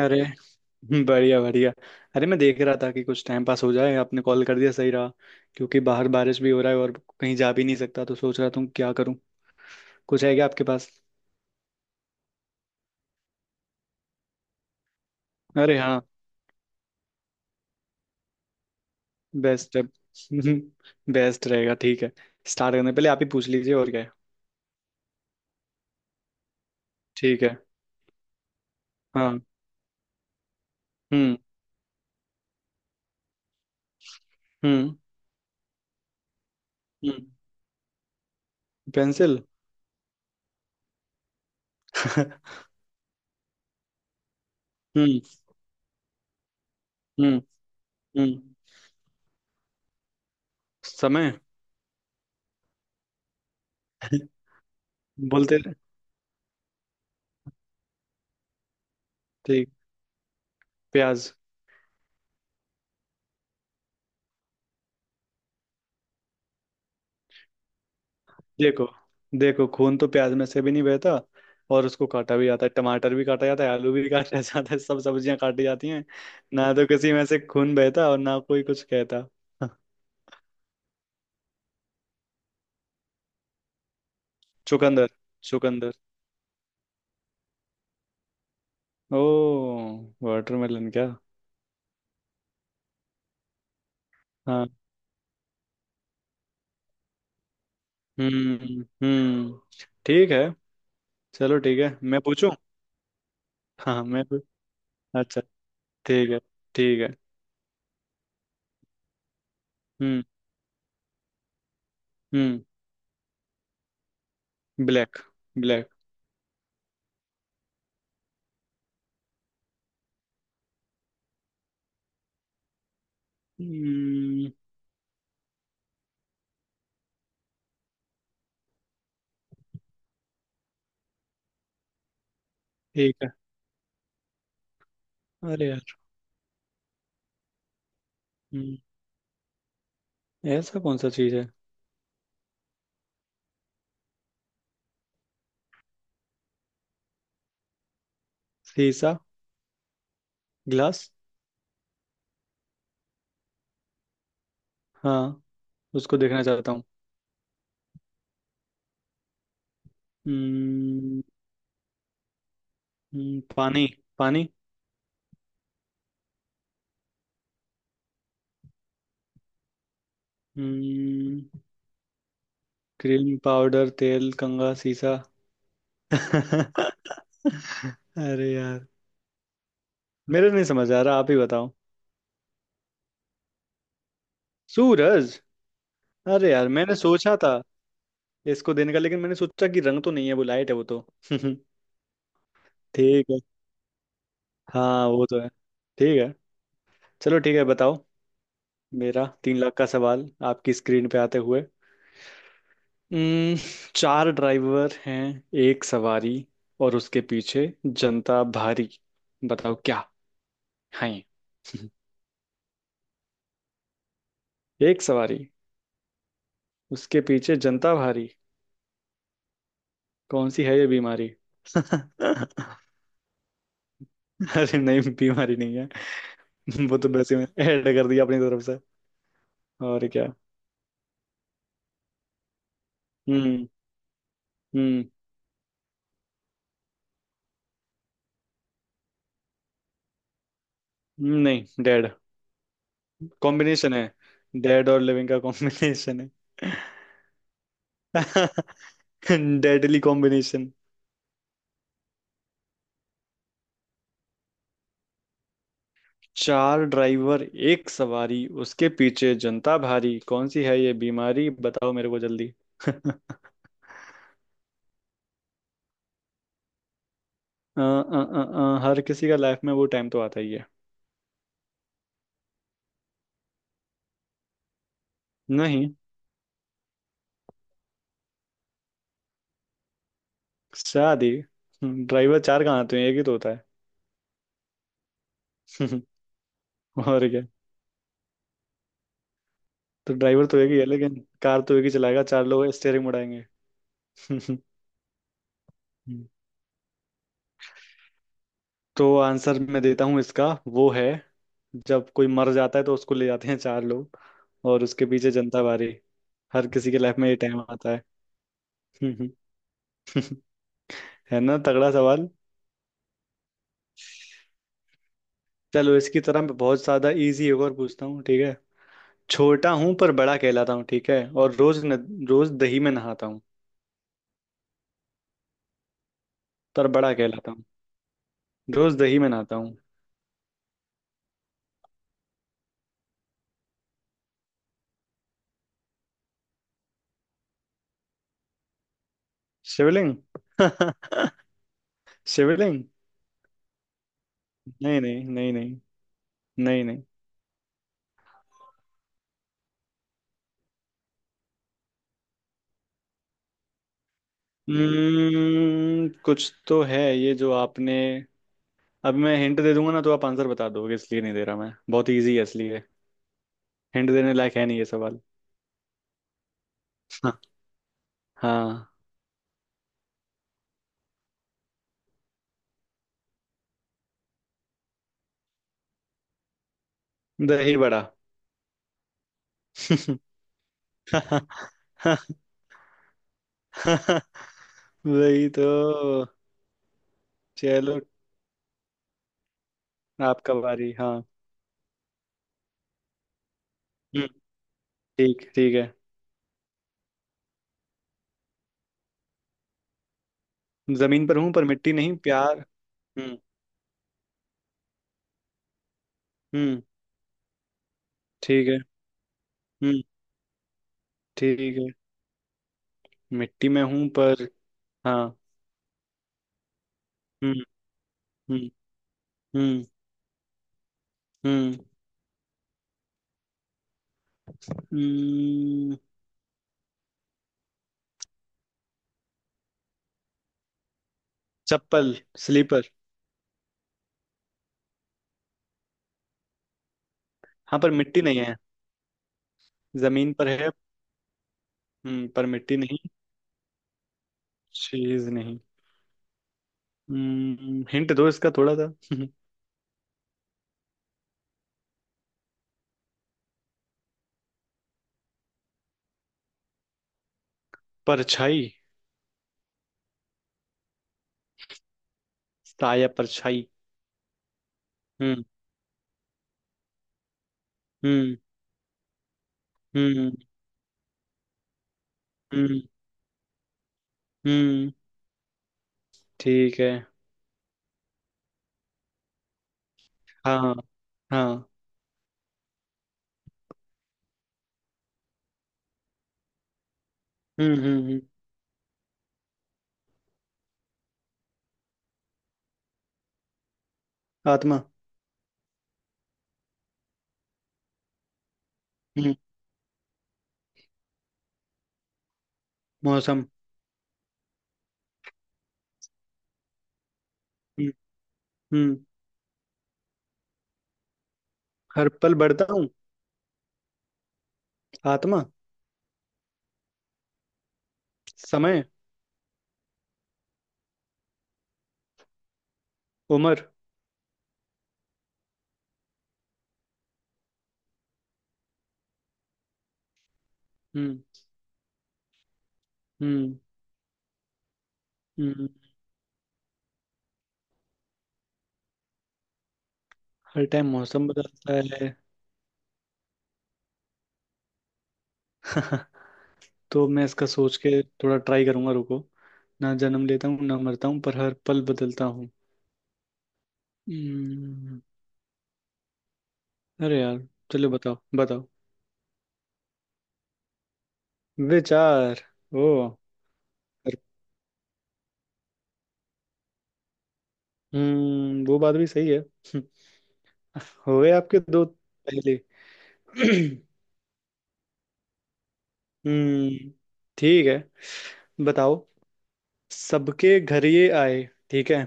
अरे, बढ़िया बढ़िया। अरे, मैं देख रहा था कि कुछ टाइम पास हो जाए, आपने कॉल कर दिया, सही रहा। क्योंकि बाहर बारिश भी हो रहा है और कहीं जा भी नहीं सकता, तो सोच रहा था क्या करूं। कुछ है क्या आपके पास? अरे हाँ, बेस्ट है। बेस्ट रहेगा, ठीक है। स्टार्ट करने पहले आप ही पूछ लीजिए, और क्या है। ठीक है। हाँ। हम्म। हम्म। हम्म। पेंसिल। हम्म। हम्म। हम्म। समय। बोलते रहे। ठीक। प्याज। देखो, देखो, खून तो प्याज में से भी नहीं बहता, और उसको काटा भी जाता है, टमाटर भी काटा जाता है, आलू भी काटा जाता है, सब सब्जियां काटी जाती हैं। ना तो किसी में से खून बहता, और ना कोई कुछ कहता। चुकंदर। चुकंदर। ओ, वाटरमेलन क्या। हाँ। हम्म। ठीक है। चलो ठीक है, मैं पूछूं। हाँ हाँ, अच्छा, ठीक है। ठीक है। हम्म। हम्म। ब्लैक। ब्लैक। हम्म। ठीक है। अरे यार। हम्म। ऐसा कौन सा चीज है? शीशा। ग्लास। हाँ, उसको देखना चाहता हूँ। हम्म, पानी। पानी। हम्म, क्रीम पाउडर तेल कंघा शीशा। अरे यार, मेरे नहीं समझ आ रहा, आप ही बताओ। सूरज। अरे यार, मैंने सोचा था इसको देने का, लेकिन मैंने सोचा कि रंग तो नहीं है, वो लाइट है वो तो। ठीक है। हाँ, वो तो है। ठीक है, चलो ठीक है, बताओ। मेरा तीन लाख का सवाल, आपकी स्क्रीन पे आते हुए। हम्म, चार ड्राइवर हैं, एक सवारी, और उसके पीछे जनता भारी। बताओ क्या है ये? एक सवारी, उसके पीछे जनता भारी, कौन सी है ये बीमारी। अरे नहीं, बीमारी नहीं है। वो तो वैसे में ऐड कर दिया अपनी तरफ से। और क्या। हम्म। हम्म। नहीं डेड। कॉम्बिनेशन है, डेड और लिविंग का कॉम्बिनेशन है। Deadly combination. चार ड्राइवर, एक सवारी, उसके पीछे जनता भारी, कौन सी है ये बीमारी, बताओ मेरे को जल्दी। अ, अ, अ, हर किसी का लाइफ में वो टाइम तो आता ही है। नहीं। शादी। ड्राइवर चार कहाँ आते हैं, एक ही तो होता है। और क्या। तो ड्राइवर तो एक ही है, लेकिन कार तो एक ही चलाएगा, चार लोग स्टेयरिंग मुड़ाएंगे। तो आंसर मैं देता हूँ इसका, वो है जब कोई मर जाता है तो उसको ले जाते हैं चार लोग, और उसके पीछे जनता भारी। हर किसी के लाइफ में ये टाइम आता है। है ना तगड़ा सवाल। चलो, इसकी तरह मैं बहुत ज्यादा इजी एक और पूछता हूँ, ठीक है। छोटा हूँ पर बड़ा कहलाता हूँ, ठीक है, और रोज न, रोज दही में नहाता हूँ। पर बड़ा कहलाता हूँ, रोज दही में नहाता हूँ। शिवलिंग। शिवलिंग। नहीं नहीं नहीं नहीं। नहीं नहीं। कुछ तो है ये जो आपने। अब मैं हिंट दे दूंगा ना तो आप आंसर बता दोगे, इसलिए नहीं दे रहा, मैं बहुत इजी है इसलिए। हिंट देने लायक है नहीं ये सवाल। हाँ। दही बड़ा। वही तो। चलो, आपका बारी। हाँ। हम्म। ठीक, ठीक है। जमीन पर हूँ पर मिट्टी नहीं, प्यार। हम्म। हम्म। ठीक है। हम्म। ठीक है। मिट्टी में हूँ पर। हाँ। हम्म। हम्म। हम्म। हम्म। हम्म, चप्पल स्लीपर। हाँ, पर मिट्टी नहीं है। जमीन पर है। हम्म, पर मिट्टी नहीं, चीज नहीं। हम्म, हिंट दो इसका थोड़ा सा। परछाई। साया, परछाई। हम्म। हम्म। हम्म। हम्म। हम्म। ठीक है। हाँ। हाँ। हम्म। हम्म। हम्म। आत्मा। हम्म। मौसम। हम्म। हम्म। हर पल बढ़ता हूँ। आत्मा। समय। उम्र। हम्म। हम्म। हम्म। हर टाइम मौसम बदलता है। तो मैं इसका सोच के थोड़ा ट्राई करूंगा, रुको। ना जन्म लेता हूँ ना मरता हूँ, पर हर पल बदलता हूँ। हम्म, अरे यार, चलो बताओ बताओ। विचार। ओ। हम्म, वो बात भी सही है। हो गए आपके दो पहले। हम्म, ठीक है, बताओ। सबके घर ये आए, ठीक है,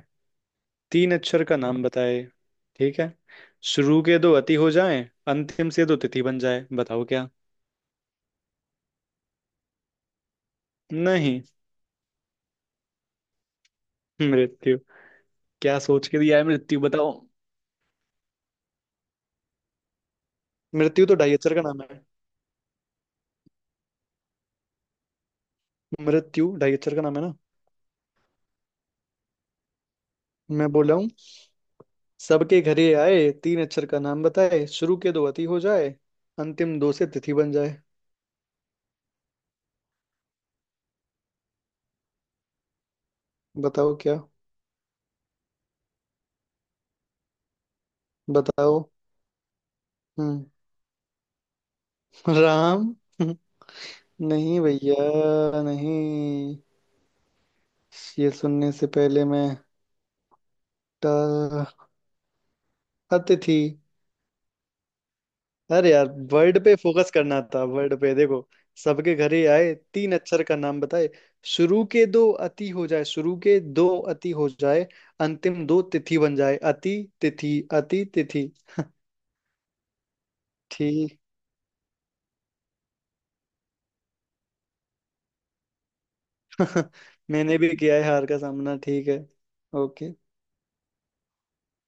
तीन अक्षर का नाम बताए, ठीक है, शुरू के दो अति हो जाएं, अंतिम से दो तिथि बन जाए, बताओ क्या। नहीं। मृत्यु, क्या सोच के दिया है मृत्यु, बताओ। मृत्यु तो ढाई अक्षर का नाम है। मृत्यु ढाई अक्षर का नाम है ना, मैं बोला हूँ। सबके घर ये आए, तीन अक्षर का नाम बताए, शुरू के दो अति हो जाए, अंतिम दो से तिथि बन जाए, बताओ क्या। बताओ। हम्म। राम। नहीं भैया नहीं। ये सुनने से पहले मैं। ट- अतिथि। अरे यार, वर्ड पे फोकस करना था, वर्ड पे देखो। सबके घरे आए, तीन अक्षर का नाम बताए, शुरू के दो अति हो जाए, शुरू के दो अति हो जाए, अंतिम दो तिथि बन जाए, अति तिथि, अति तिथि। ठीक। मैंने भी किया है हार का सामना, ठीक है। ओके।